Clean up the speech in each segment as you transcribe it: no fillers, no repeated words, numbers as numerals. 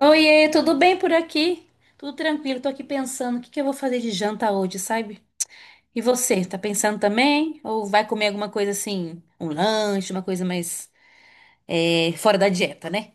Oiê, tudo bem por aqui? Tudo tranquilo, tô aqui pensando o que que eu vou fazer de janta hoje, sabe? E você, tá pensando também? Ou vai comer alguma coisa assim, um lanche, uma coisa mais, fora da dieta, né?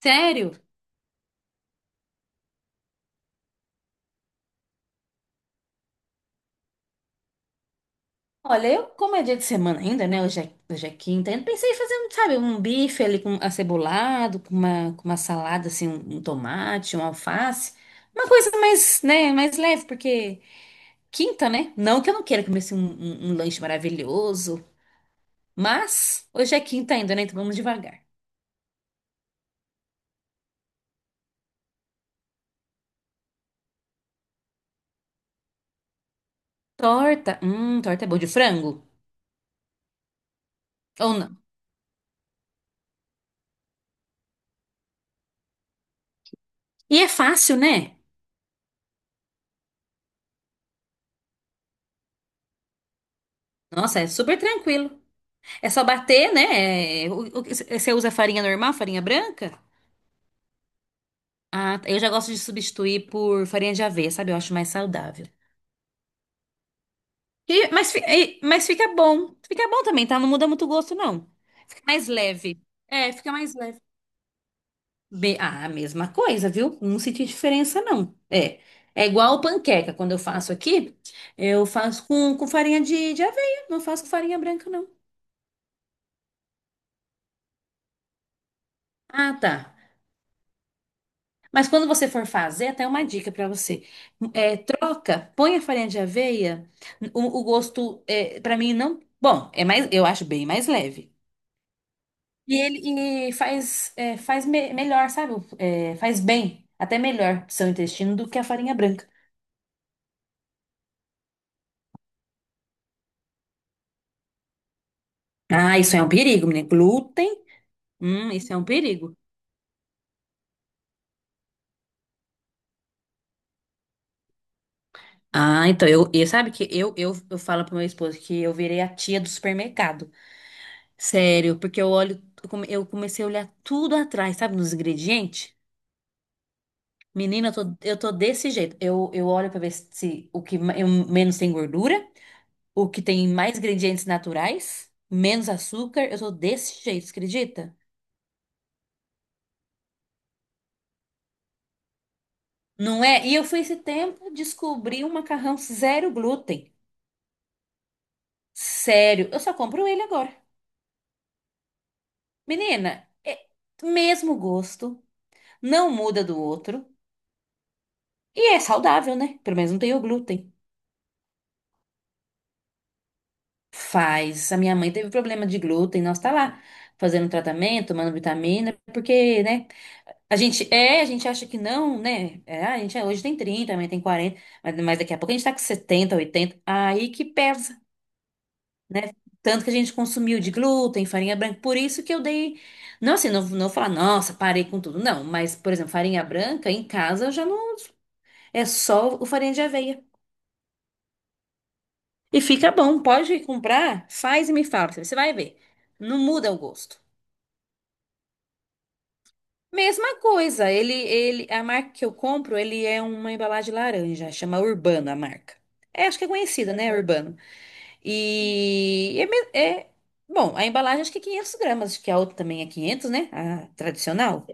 Sério? Olha, eu, como é dia de semana ainda, né? Hoje é quinta, eu pensei em fazer, um, sabe, um bife ali com acebolado, com uma salada, assim, um tomate, um alface. Uma coisa mais, né, mais leve, porque quinta, né? Não que eu não queira comer assim, um um lanche maravilhoso. Mas hoje é quinta ainda, né? Então vamos devagar. Torta. Torta é boa de frango? Ou não? E é fácil, né? Nossa, é super tranquilo. É só bater, né? É, você usa farinha normal, farinha branca? Ah, tá. Eu já gosto de substituir por farinha de aveia, sabe? Eu acho mais saudável. Mas fica bom. Fica bom também, tá? Não muda muito o gosto, não. Fica mais leve. É, fica mais leve. Ah, a mesma coisa, viu? Não senti diferença, não. É. É igual panqueca. Quando eu faço aqui, eu faço com farinha de aveia. Não faço com farinha branca, não. Ah, tá. Mas quando você for fazer, até uma dica pra você. É, troca, põe a farinha de aveia. O gosto, é, para mim, não. Bom, é mais, eu acho bem mais leve. E ele e faz, é, faz melhor, sabe? É, faz bem, até melhor pro seu intestino do que a farinha branca. Ah, isso é um perigo, menina. Glúten. Isso é um perigo. Ah, então eu sabe que eu falo pro meu esposo que eu virei a tia do supermercado. Sério, porque eu olho, eu comecei a olhar tudo atrás, sabe, nos ingredientes. Menina, eu tô desse jeito. Eu olho pra ver se o que menos tem gordura, o que tem mais ingredientes naturais, menos açúcar. Eu tô desse jeito, você acredita? Não é? E eu fui esse tempo descobrir um macarrão zero glúten. Sério, eu só compro ele agora. Menina, é mesmo gosto, não muda do outro e é saudável, né? Pelo menos não tem o glúten. Faz. A minha mãe teve problema de glúten, nós tá lá fazendo tratamento, tomando vitamina, porque, né? A gente acha que não, né? É, hoje tem 30, amanhã tem 40, mas, daqui a pouco a gente tá com 70, 80. Aí que pesa, né? Tanto que a gente consumiu de glúten, farinha branca, por isso que eu dei não, assim, não, não vou falar, nossa, parei com tudo, não. Mas, por exemplo, farinha branca em casa eu já não. É só o farinha de aveia. E fica bom. Pode comprar, faz e me fala. Você vai ver. Não muda o gosto. Mesma coisa. A marca que eu compro, ele é uma embalagem laranja. Chama Urbano a marca. É, acho que é conhecida, né? Urbano. E é, me- é- bom. A embalagem acho que é 500 gramas. Acho que a outra também é 500, né? A tradicional.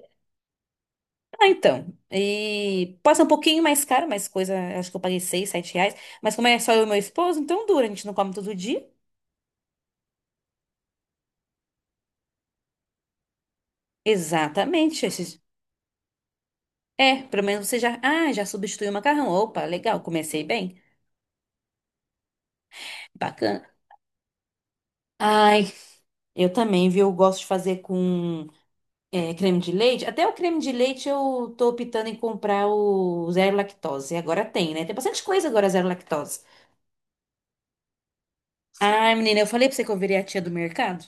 Ah, então. E passa um pouquinho mais caro, mas coisa. Acho que eu paguei 6, R$ 7. Mas como é só eu e meu esposo, então dura. A gente não come todo dia. Exatamente. Esses- É, pelo menos você já. Ah, já substituiu o macarrão. Opa, legal, comecei bem. Bacana. Ai, eu também, viu? Eu Gosto de fazer com é, creme de leite. Até o creme de leite eu tô optando em comprar o zero lactose. Agora tem, né? Tem bastante coisa agora zero lactose. Ai, menina, eu falei pra você que eu virei a tia do mercado.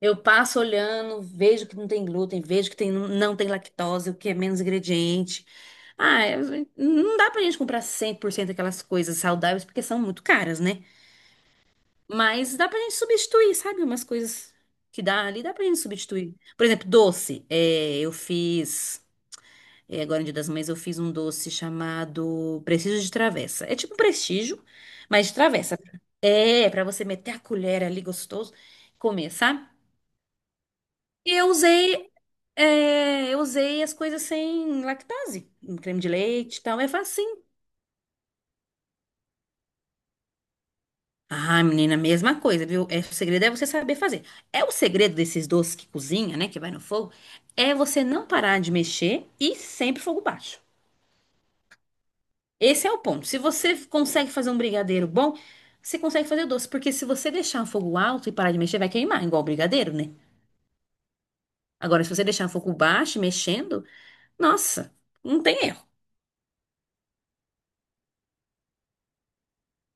Eu passo olhando, vejo que não tem glúten, vejo que tem, não tem lactose, o que é menos ingrediente. Não dá pra gente comprar 100% aquelas coisas saudáveis, porque são muito caras, né? Mas dá pra gente substituir, sabe? Umas coisas que dá ali, dá pra gente substituir. Por exemplo, doce. É, eu fiz, é, agora no Dia das Mães, eu fiz um doce chamado Prestígio de Travessa. É tipo um prestígio, mas de travessa. É, pra você meter a colher ali gostoso e comer, sabe? E Eu usei eu usei as coisas sem lactase, um creme de leite e tal, é facinho. Ah, menina, mesma coisa, viu? É, o segredo é você saber fazer. É o segredo desses doces que cozinha, né, que vai no fogo, é você não parar de mexer e sempre fogo baixo. Esse é o ponto. Se você consegue fazer um brigadeiro bom, você consegue fazer doce, porque se você deixar o fogo alto e parar de mexer, vai queimar, igual o brigadeiro, né? Agora, se você deixar o fogo baixo, e mexendo, nossa, não tem erro.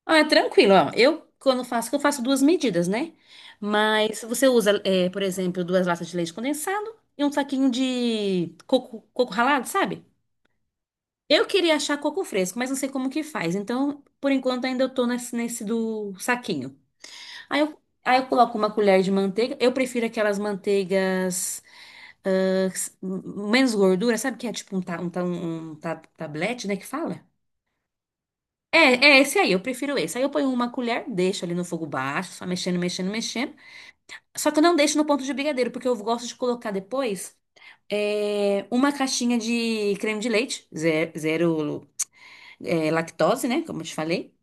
Ah, é tranquilo, ó. Eu, quando faço, que eu faço duas medidas, né? Mas você usa, é, por exemplo, duas latas de leite condensado e um saquinho de coco, coco ralado, sabe? Eu queria achar coco fresco, mas não sei como que faz. Então, por enquanto, ainda eu tô nesse, nesse do saquinho. Aí eu coloco uma colher de manteiga. Eu prefiro aquelas manteigas ah, menos gordura, sabe? Que é tipo um, ta, um, tablete, né? Que fala? É, é esse aí, eu prefiro esse. Aí eu ponho uma colher, deixo ali no fogo baixo, só mexendo, mexendo, mexendo. Só que eu não deixo no ponto de brigadeiro, porque eu gosto de colocar depois é, uma caixinha de creme de leite, zero, zero, é, lactose, né? Como eu te falei.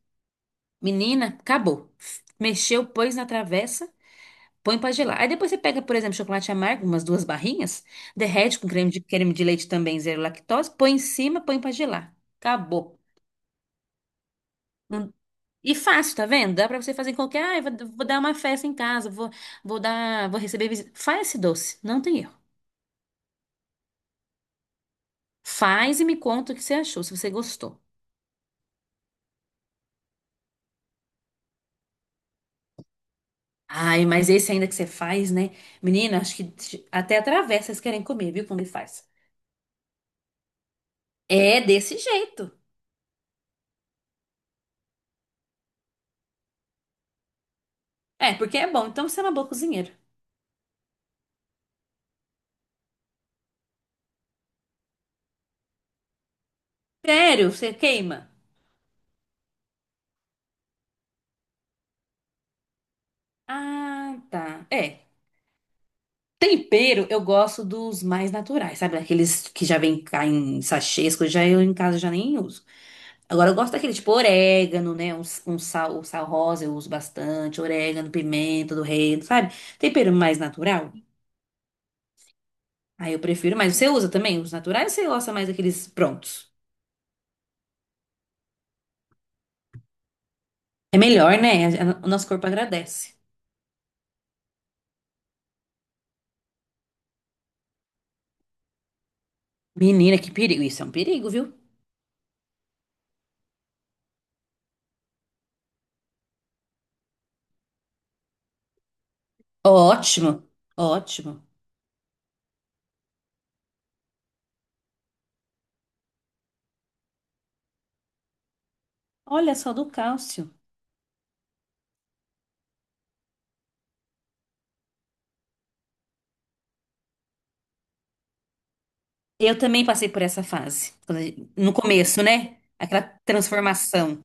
Menina, acabou. Mexeu, pôs na travessa, põe pra gelar. Aí depois você pega, por exemplo, chocolate amargo, umas duas barrinhas, derrete com creme creme de leite também, zero lactose, põe em cima, põe pra gelar. Acabou. E fácil, tá vendo? Dá pra você fazer em qualquer. Ah, vou dar uma festa em casa, vou dar, vou receber visita. Faz esse doce, não tem erro. Faz e me conta o que você achou, se você gostou. Ai, mas esse ainda que você faz, né? Menina, acho que até atravessa, vocês querem comer, viu? Quando ele faz. É desse jeito. É, porque é bom, então você é uma boa cozinheira. Sério, você queima? Ah, tá. É. Tempero, eu gosto dos mais naturais, sabe? Aqueles que já vem cá em sachês, coisa, já eu em casa já nem uso. Agora eu gosto daquele tipo orégano, né? Um sal, o sal rosa eu uso bastante, orégano, pimenta do reino, sabe? Tempero mais natural. Aí eu prefiro, mas você usa também os naturais ou você gosta mais daqueles prontos? É melhor, né? O nosso corpo agradece. Menina, que perigo. Isso é um perigo, viu? Ótimo, ótimo. Olha só do cálcio. Eu também passei por essa fase. No começo, né? Aquela transformação.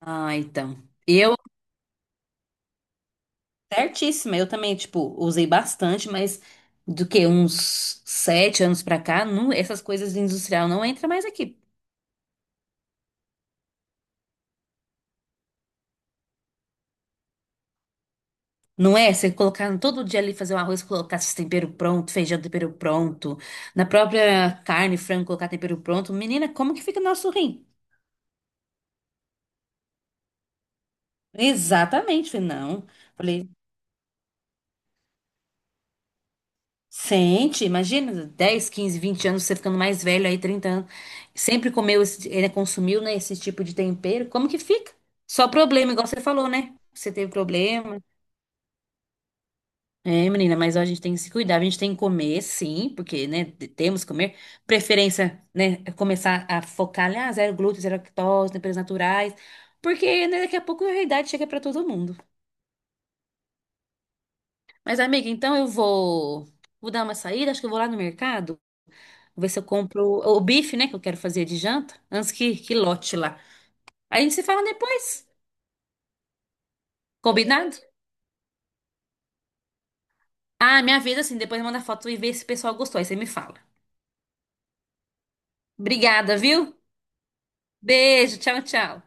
Ah, então. Eu Certíssima, eu também, tipo, usei bastante, mas do que uns 7 anos pra cá, não, essas coisas de industrial não entra mais aqui. Não é? Você colocar todo dia ali fazer um arroz, colocar esse tempero pronto, feijão tempero pronto, na própria carne, frango, colocar tempero pronto. Menina, como que fica nosso rim? Exatamente, falei, não. Falei, sente, imagina, 10, 15, 20 anos, você ficando mais velho aí, 30 anos, sempre comeu, esse, ele consumiu, né, esse tipo de tempero, como que fica? Só problema, igual você falou, né? Você teve problema. É, menina, mas ó, a gente tem que se cuidar, a gente tem que comer, sim, porque, né, temos que comer. Preferência, né, é começar a focar, né, ah, zero glúten, zero lactose, temperos naturais, porque, né, daqui a pouco a realidade chega pra todo mundo. Mas, amiga, então vou dar uma saída, acho que eu vou lá no mercado. Vou ver se eu compro o bife, né, que eu quero fazer de janta, antes que lote lá. Aí a gente se fala depois. Combinado? Ah, minha vida assim, depois manda foto e vê se o pessoal gostou. Aí você me fala. Obrigada, viu? Beijo, tchau, tchau.